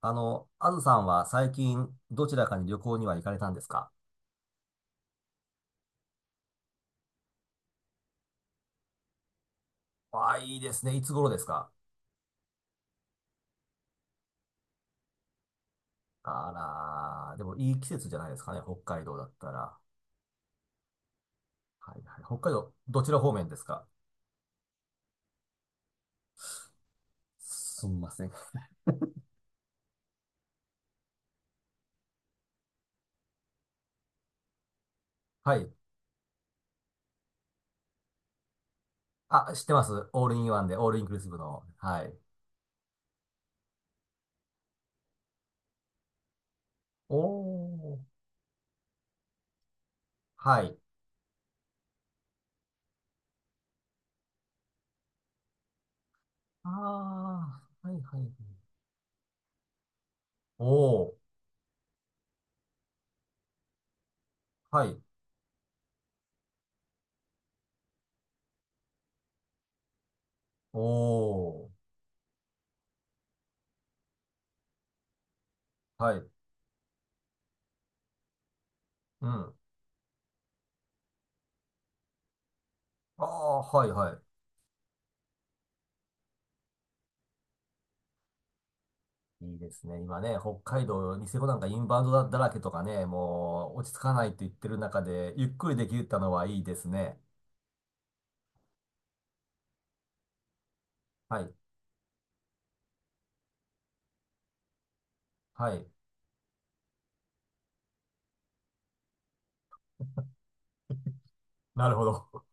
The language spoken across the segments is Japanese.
あずさんは最近どちらかに旅行には行かれたんですか？ああ、いいですね。いつ頃ですか？あらー、でもいい季節じゃないですかね。北海道だったら。はいはい。北海道、どちら方面ですか？すみません。はい。あ、知ってます。オールインワンで、オールインクルーシブの。はい。おー。はい。ああ、はいはい。おー。はい。おー。はい。うん。ああ、はいはい。いいですね。今ね、北海道、ニセコなんかインバウンドらけとかね、もう落ち着かないと言ってる中で、ゆっくりできたのはいいですね。はい。はい。なるほど。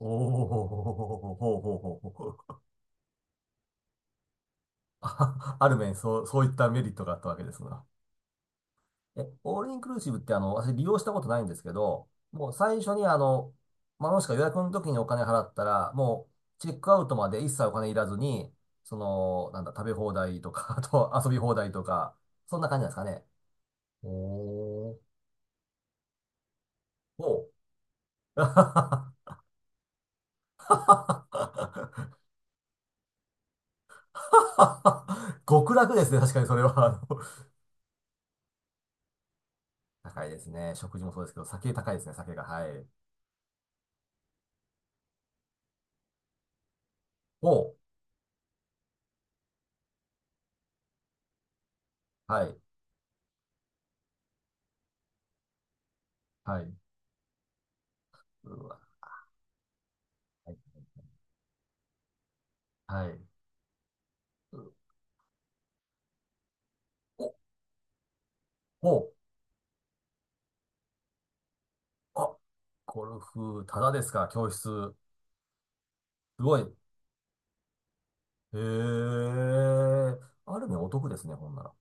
おおほうほうほうほうほう。あ、ある面、そう、そういったメリットがあったわけですが。え、オールインクルーシブって私利用したことないんですけど、もう最初にまあ、もしくは予約の時にお金払ったら、もうチェックアウトまで一切お金いらずに、その、なんだ、食べ放題とか、あと遊び放題とか、そんな感じなんですかね。おー。おう。極楽ですね、確かにそれは。あの高いですね。食事もそうですけど、酒高いですね、酒が。はい。おう。はい。はい。うわ。はい。はいうお、おう。あ、ゴルフ、ただですか、教室。すごい。へえ。ある意味お得ですね、ほんなら。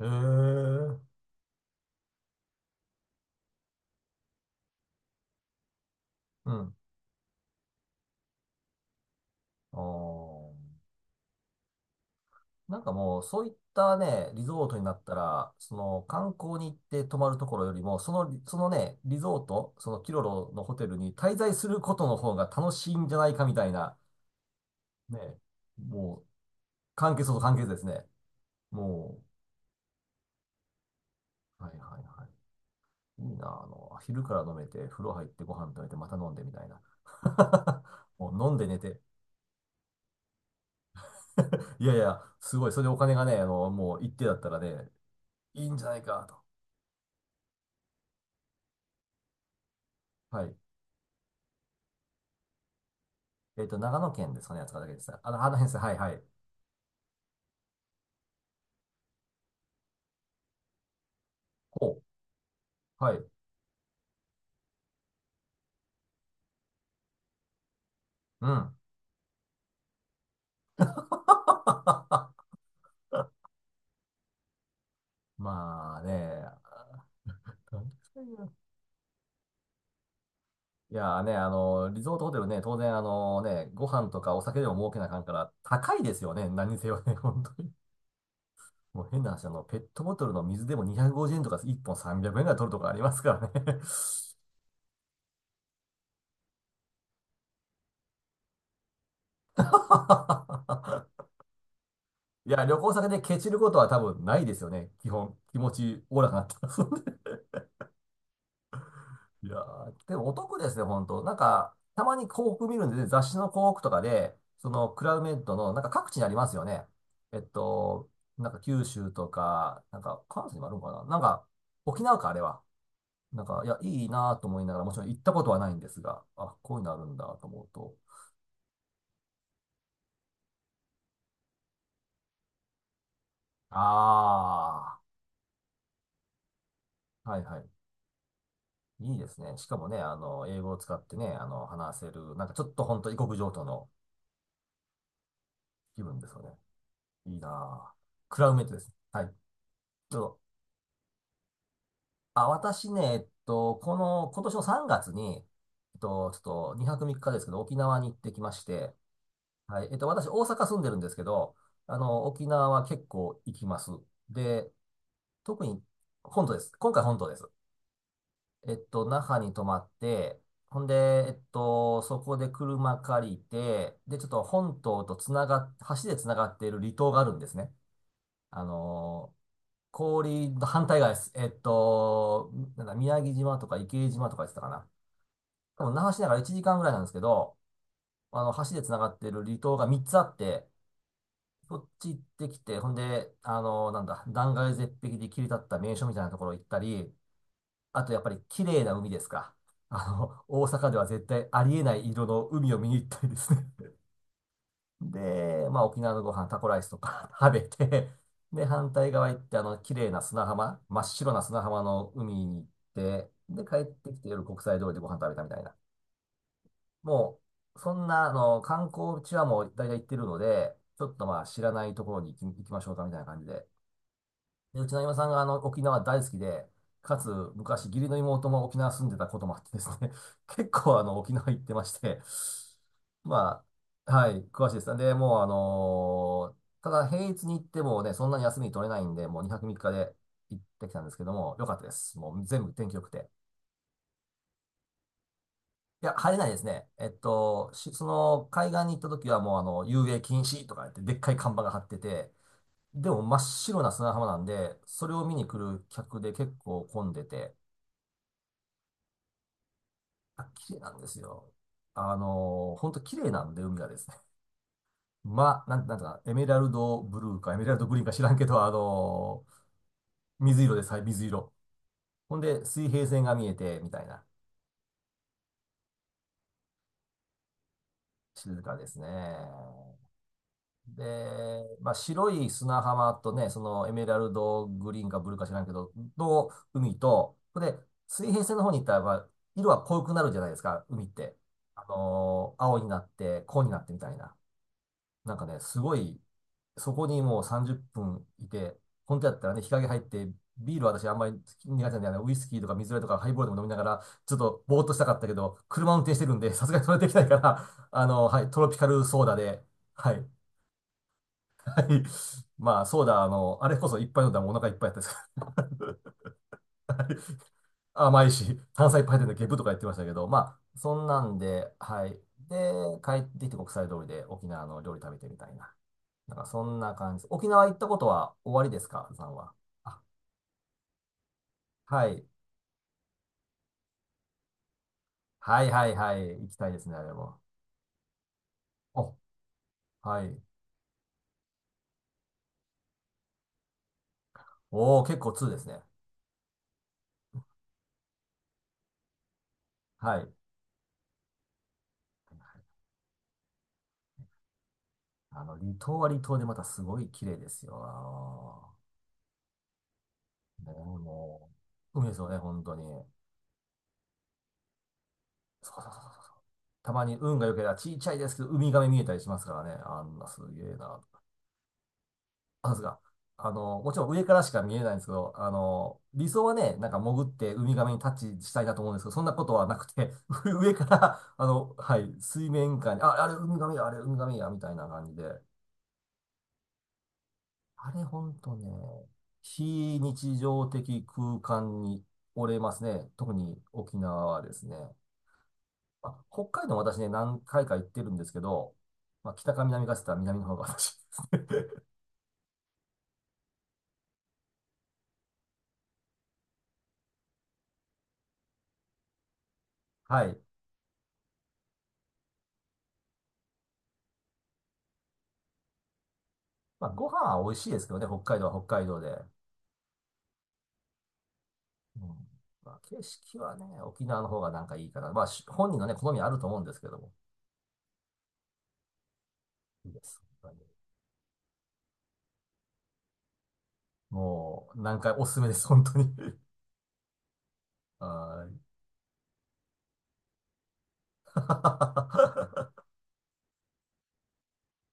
へえ。うん。ああ。なんかもう、そういったね、リゾートになったら、その観光に行って泊まるところよりも、その、そのね、リゾート、そのキロロのホテルに滞在することの方が楽しいんじゃないかみたいな、ね、もう、関係そうと関係ですね。もう、はいはいはい。いいな、昼から飲めて、風呂入ってご飯食べて、また飲んでみたいな。もう飲んで寝て。いやいや、すごい、それでお金がね、もう一定だったらね、いいんじゃないかと。はい。えっと、長野県ですかね、やつがだけでした。あの、あの辺です。はい、はい。ほう。はい。うん。まあね、どんくさいな。いやーね、リゾートホテルね、当然、あのね、ご飯とかお酒でも儲けなあかんから、高いですよね、何にせよね、本当に。もう変な話、ペットボトルの水でも250円とか、1本300円ぐらい取るとかありますからね。いや、旅行先でケチることは多分ないですよね、基本。気持ちおおらかになってますんで。 いやー、でもお得ですね、本当。なんか、たまに広告見るんで、雑誌の広告とかで、そのクラウメッドの、なんか各地にありますよね。えっと、なんか九州とか、なんか関西にもあるのかな、なんか、沖縄か、あれは。なんか、いや、いいなと思いながら、もちろん行ったことはないんですが、あ、こういうのあるんだと思うと。ああ、はいはい。いいですね。しかもね、英語を使ってね、話せる、なんかちょっと本当異国情緒の気分ですよね。いいなあ。クラウメットです。はい。どうぞ。あ、私ね、えっと、この、今年の3月に、えっと、ちょっと2泊3日ですけど、沖縄に行ってきまして、はい、えっと、私、大阪住んでるんですけど、沖縄は結構行きます。で、特に、本島です。今回本島です。えっと、那覇に泊まって、ほんで、えっと、そこで車借りて、で、ちょっと本島とつながっ、橋でつながっている離島があるんですね。あの、氷と反対側です。えっと、なんだ、宮城島とか池江島とか言ってたかな。多分那覇市内から1時間ぐらいなんですけど、橋で繋がってる離島が3つあって、そっち行ってきて、ほんで、あの、なんだ、断崖絶壁で切り立った名所みたいなところ行ったり、あとやっぱり綺麗な海ですか。大阪では絶対ありえない色の海を見に行ったりですね。で、まあ、沖縄のご飯、タコライスとか 食べて、で、反対側行って、綺麗な砂浜、真っ白な砂浜の海に行って、で、帰ってきて夜国際通りでご飯食べたみたいな。もう、そんな、観光地はもう大体行ってるので、ちょっとまあ、知らないところに行き、行きましょうかみたいな感じで。で、うちの今さんがあの沖縄大好きで、かつ昔義理の妹も沖縄住んでたこともあってですね、結構あの沖縄行ってまして、まあ、はい、詳しいです。で、もうあのーただ平日に行ってもね、そんなに休み取れないんで、もう2泊3日で行ってきたんですけども、良かったです。もう全部天気良くて。いや、入れないですね。えっと、しその海岸に行った時はもうあの、遊泳禁止とか言って、でっかい看板が張ってて、でも真っ白な砂浜なんで、それを見に来る客で結構混んでて、あ、綺麗なんですよ。あのー、ほんと綺麗なんで、海がですね。まあ、なんとか、エメラルドブルーか、エメラルドグリーンか知らんけど、あのー水色です。はい、水色。ほんで、水平線が見えて、みたいな、静かですね。で、まあ、白い砂浜とね、そのエメラルドグリーンかブルーか知らんけど、の海と、これ、水平線の方に行ったら、まあ、色は濃くなるじゃないですか、海って。あのー青になって、紺になってみたいな。なんかね、すごい、そこにもう30分いて、本当やったらね、日陰入って、ビールは私あんまり苦手なんで、あのウイスキーとか水割りとかハイボールでも飲みながら、ちょっとぼーっとしたかったけど、車運転してるんで、さすがにそれできないから、あのはい、トロピカルソーダで、はい、はい。まあ、そうだ、あれこそいっぱい飲んだらもうお腹いっぱいやったですから。甘いし、炭酸いっぱい入ってるんでゲブとか言ってましたけど、まあ、そんなんで、はい。で、帰ってきて国際通りで沖縄の料理食べてみたいな。なんかそんな感じです。沖縄行ったことは終わりですかさんは。あ、はい。はいはいはい。行きたいですね、あれも。お、はい。おー、結構ーですね。はい。離島は離島でまたすごい綺麗ですよ。あのね、もう、海ですよね、本当に。そうそうそうそう、たまに運が良ければ、ちっちゃいですけど、ウミガメ見えたりしますからね。あんなすげえな。あ、ですが、もちろん上からしか見えないんですけど、理想はね、なんか潜ってウミガメにタッチしたいなと思うんですけど、そんなことはなくて、上から、あの、はい、水面下に、あ、あれウミガメや、あれウミガメや、みたいな感じで、あれほんとね、非日常的空間に折れますね。特に沖縄はですね。まあ、北海道も私ね、何回か行ってるんですけど、まあ、北か南かって言ったら南の方が私ですね。 はい。まあ、ご飯は美味しいですけどね、北海道は北海道で。うん。まあ、景色はね、沖縄の方がなんかいいかな。まあ、し本人のね、好みあると思うんですけども。いいです。本当にもう、何回おすすめです、本当に。 はーい。